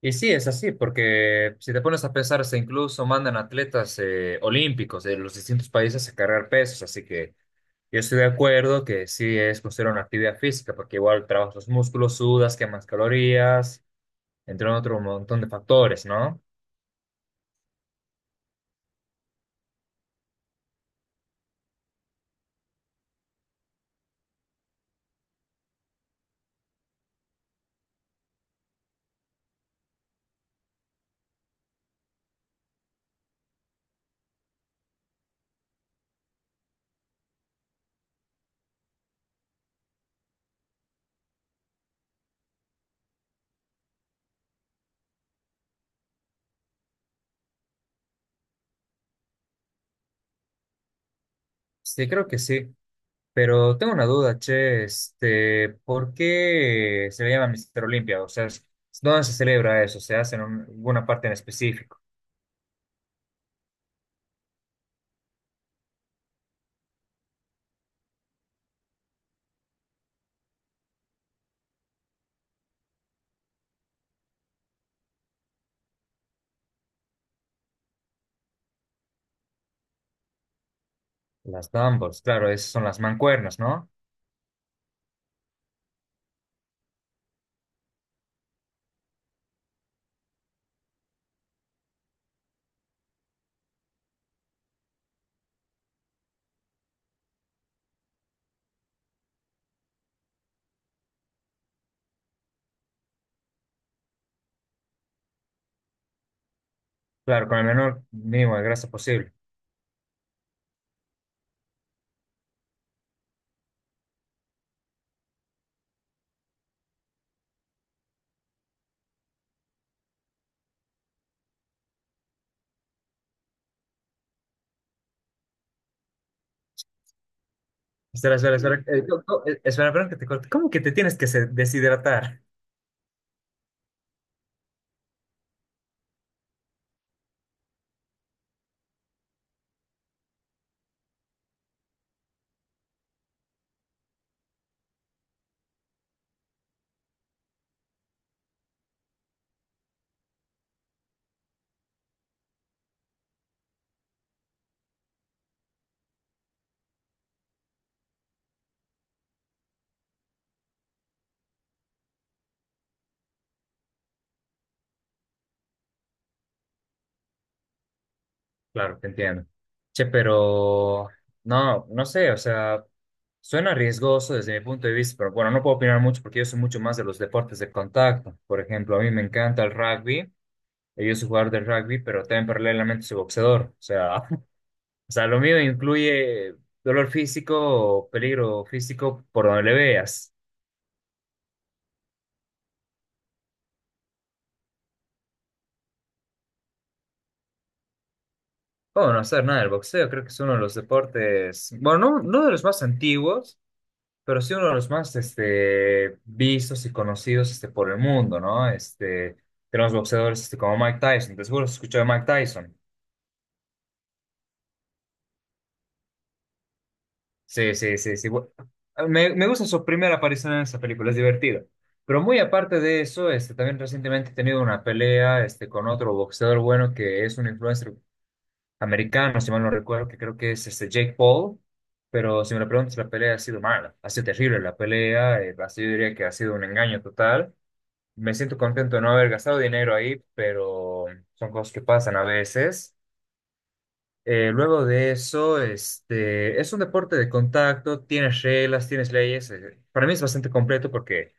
Y sí, es así, porque si te pones a pensar, se incluso mandan atletas olímpicos de los distintos países a cargar pesos, así que yo estoy de acuerdo que sí es considerada una actividad física, porque igual trabajas los músculos, sudas, quemas calorías, entre otro montón de factores, ¿no? Sí, creo que sí, pero tengo una duda, che, ¿por qué se le llama Mister Olimpia? O sea, ¿dónde se celebra eso? ¿Se hace en alguna parte en específico? Las dumbbells, claro, esas son las mancuernas, ¿no? Claro, con el menor mínimo de grasa posible. Espera, espera, espera. Espera, espera que te corte. ¿Cómo que te tienes que deshidratar? Claro, te entiendo. Che, pero no, no sé, o sea, suena riesgoso desde mi punto de vista, pero bueno, no puedo opinar mucho porque yo soy mucho más de los deportes de contacto. Por ejemplo, a mí me encanta el rugby. Yo soy jugador de rugby, pero también paralelamente soy boxeador. O sea, o sea, lo mío incluye dolor físico o peligro físico por donde le veas. Bueno, hacer nada, el boxeo creo que es uno de los deportes, bueno, no, no de los más antiguos, pero sí uno de los más vistos y conocidos por el mundo, ¿no? Tenemos boxeadores como Mike Tyson, te seguro has escuchado de Mike Tyson. Sí, sí, sí, sí. Me gusta su primera aparición en esa película, es divertido. Pero muy aparte de eso, también recientemente he tenido una pelea con otro boxeador bueno que es un influencer americano, si mal no recuerdo, que creo que es Jake Paul, pero si me lo preguntas, la pelea ha sido mala, ha sido terrible la pelea. Así yo diría que ha sido un engaño total. Me siento contento de no haber gastado dinero ahí, pero son cosas que pasan a veces. Luego de eso, es un deporte de contacto, tienes reglas, tienes leyes. Para mí es bastante completo porque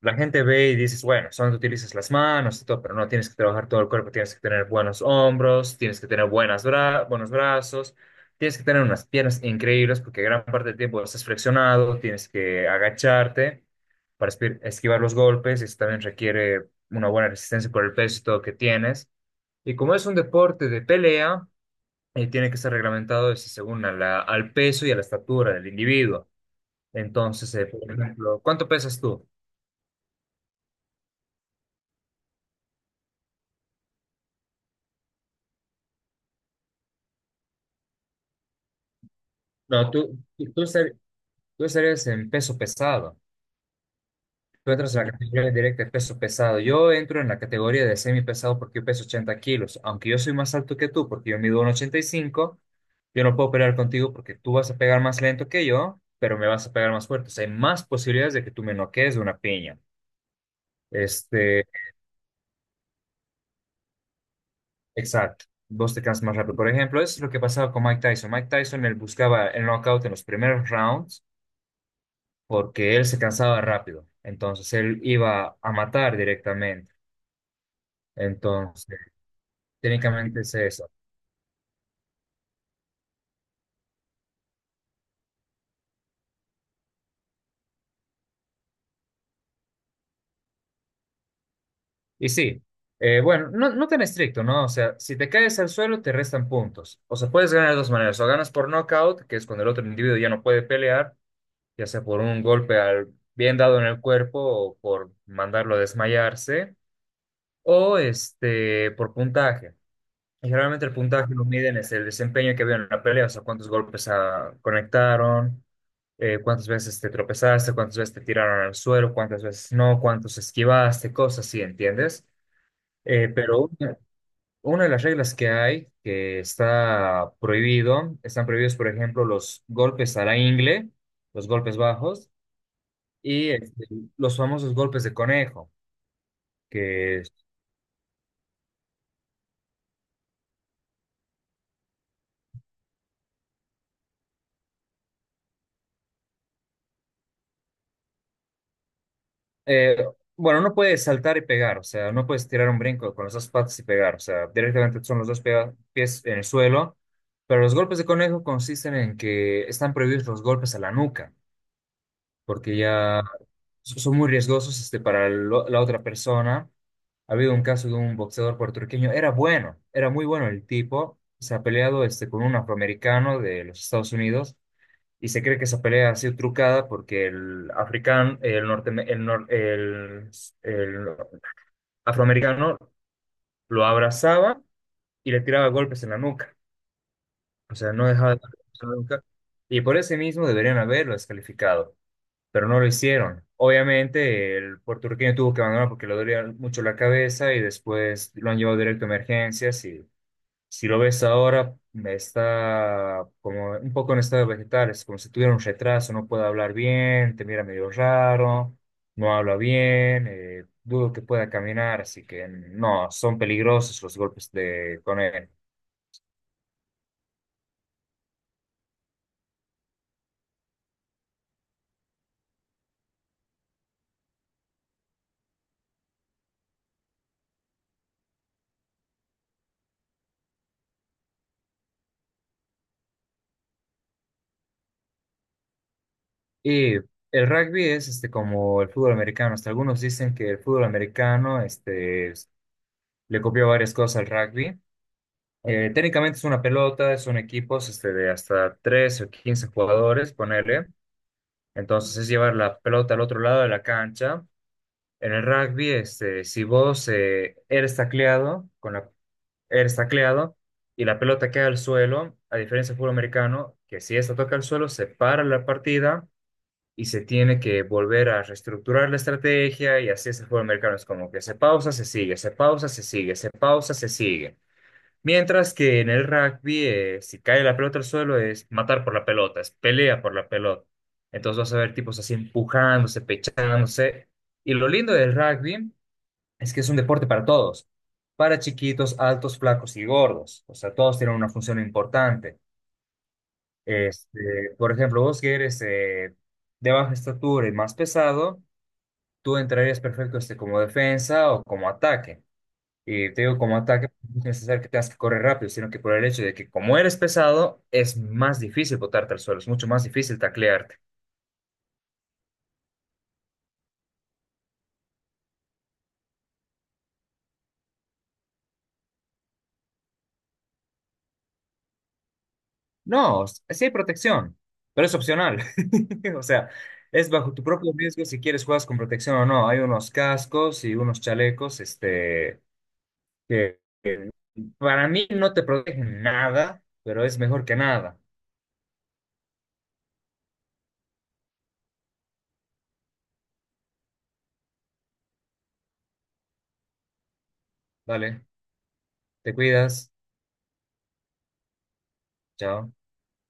la gente ve y dices, bueno, solo utilizas las manos y todo, pero no tienes que trabajar todo el cuerpo, tienes que tener buenos hombros, tienes que tener buenos brazos, tienes que tener unas piernas increíbles porque gran parte del tiempo estás flexionado, tienes que agacharte para esquivar los golpes, eso también requiere una buena resistencia por el peso y todo que tienes. Y como es un deporte de pelea, tiene que ser reglamentado es según a al peso y a la estatura del individuo. Entonces, por ejemplo, ¿cuánto pesas tú? No, tú, Tú eres en peso pesado. Tú entras en la, sí, categoría directa de peso pesado. Yo entro en la categoría de semi pesado porque yo peso 80 kilos. Aunque yo soy más alto que tú porque yo mido 1,85, yo no puedo pelear contigo porque tú vas a pegar más lento que yo, pero me vas a pegar más fuerte. O sea, hay más posibilidades de que tú me noquees de una piña. Este, exacto. Vos te cansas más rápido. Por ejemplo, eso es lo que pasaba con Mike Tyson. Mike Tyson, él buscaba el knockout en los primeros rounds porque él se cansaba rápido. Entonces, él iba a matar directamente. Entonces, técnicamente es eso. Y sí, bueno, no, no tan estricto, ¿no? O sea, si te caes al suelo, te restan puntos. O sea, puedes ganar de dos maneras. O ganas por knockout, que es cuando el otro individuo ya no puede pelear, ya sea por un golpe bien dado en el cuerpo o por mandarlo a desmayarse, o por puntaje. Y generalmente el puntaje lo miden es el desempeño que había en la pelea, o sea, cuántos golpes conectaron, cuántas veces te tropezaste, cuántas veces te tiraron al suelo, cuántas veces no, cuántos esquivaste, cosas así, ¿entiendes? Pero una de las reglas que hay, que está prohibido, están prohibidos, por ejemplo, los golpes a la ingle, los golpes bajos y los famosos golpes de conejo. Que Eh, bueno, no puedes saltar y pegar, o sea, no puedes tirar un brinco con las dos patas y pegar, o sea, directamente son los dos pies en el suelo, pero los golpes de conejo consisten en que están prohibidos los golpes a la nuca, porque ya son muy riesgosos para la otra persona. Ha habido un caso de un boxeador puertorriqueño, era bueno, era muy bueno el tipo, se ha peleado con un afroamericano de los Estados Unidos y se cree que esa pelea ha sido trucada porque el africano, el, norte, el, nor- el afroamericano lo abrazaba y le tiraba golpes en la nuca. O sea, no dejaba de darle golpes en la nuca. Y por ese mismo deberían haberlo descalificado, pero no lo hicieron. Obviamente, el puertorriqueño tuvo que abandonar porque le dolía mucho la cabeza y después lo han llevado directo a emergencias. Si lo ves ahora, está como un poco en estado vegetal, es como si tuviera un retraso, no puede hablar bien, te mira medio raro, no habla bien, dudo que pueda caminar, así que no, son peligrosos los golpes con él. Y el rugby es como el fútbol americano, hasta algunos dicen que el fútbol americano le copió varias cosas al rugby. Técnicamente es una pelota, son equipos de hasta 3 o 15 jugadores, ponele. Entonces es llevar la pelota al otro lado de la cancha. En el rugby, si vos eres tacleado y la pelota queda al suelo, a diferencia del fútbol americano, que si esta toca al suelo, se para la partida y se tiene que volver a reestructurar la estrategia y así es el fútbol americano. Es como que se pausa, se sigue, se pausa, se sigue, se pausa, se sigue. Mientras que en el rugby, si cae la pelota al suelo, es matar por la pelota, es pelea por la pelota. Entonces vas a ver tipos así empujándose, pechándose. Y lo lindo del rugby es que es un deporte para todos, para chiquitos, altos, flacos y gordos. O sea, todos tienen una función importante. Por ejemplo, vos que eres de baja estatura y más pesado, tú entrarías perfecto como defensa o como ataque. Y te digo, como ataque, no es necesario que tengas que correr rápido, sino que por el hecho de que como eres pesado, es más difícil botarte al suelo, es mucho más difícil taclearte. No, sí hay protección, pero es opcional. O sea, es bajo tu propio riesgo si quieres juegas con protección o no. Hay unos cascos y unos chalecos, que para mí no te protegen nada, pero es mejor que nada. Vale, te cuidas, chao.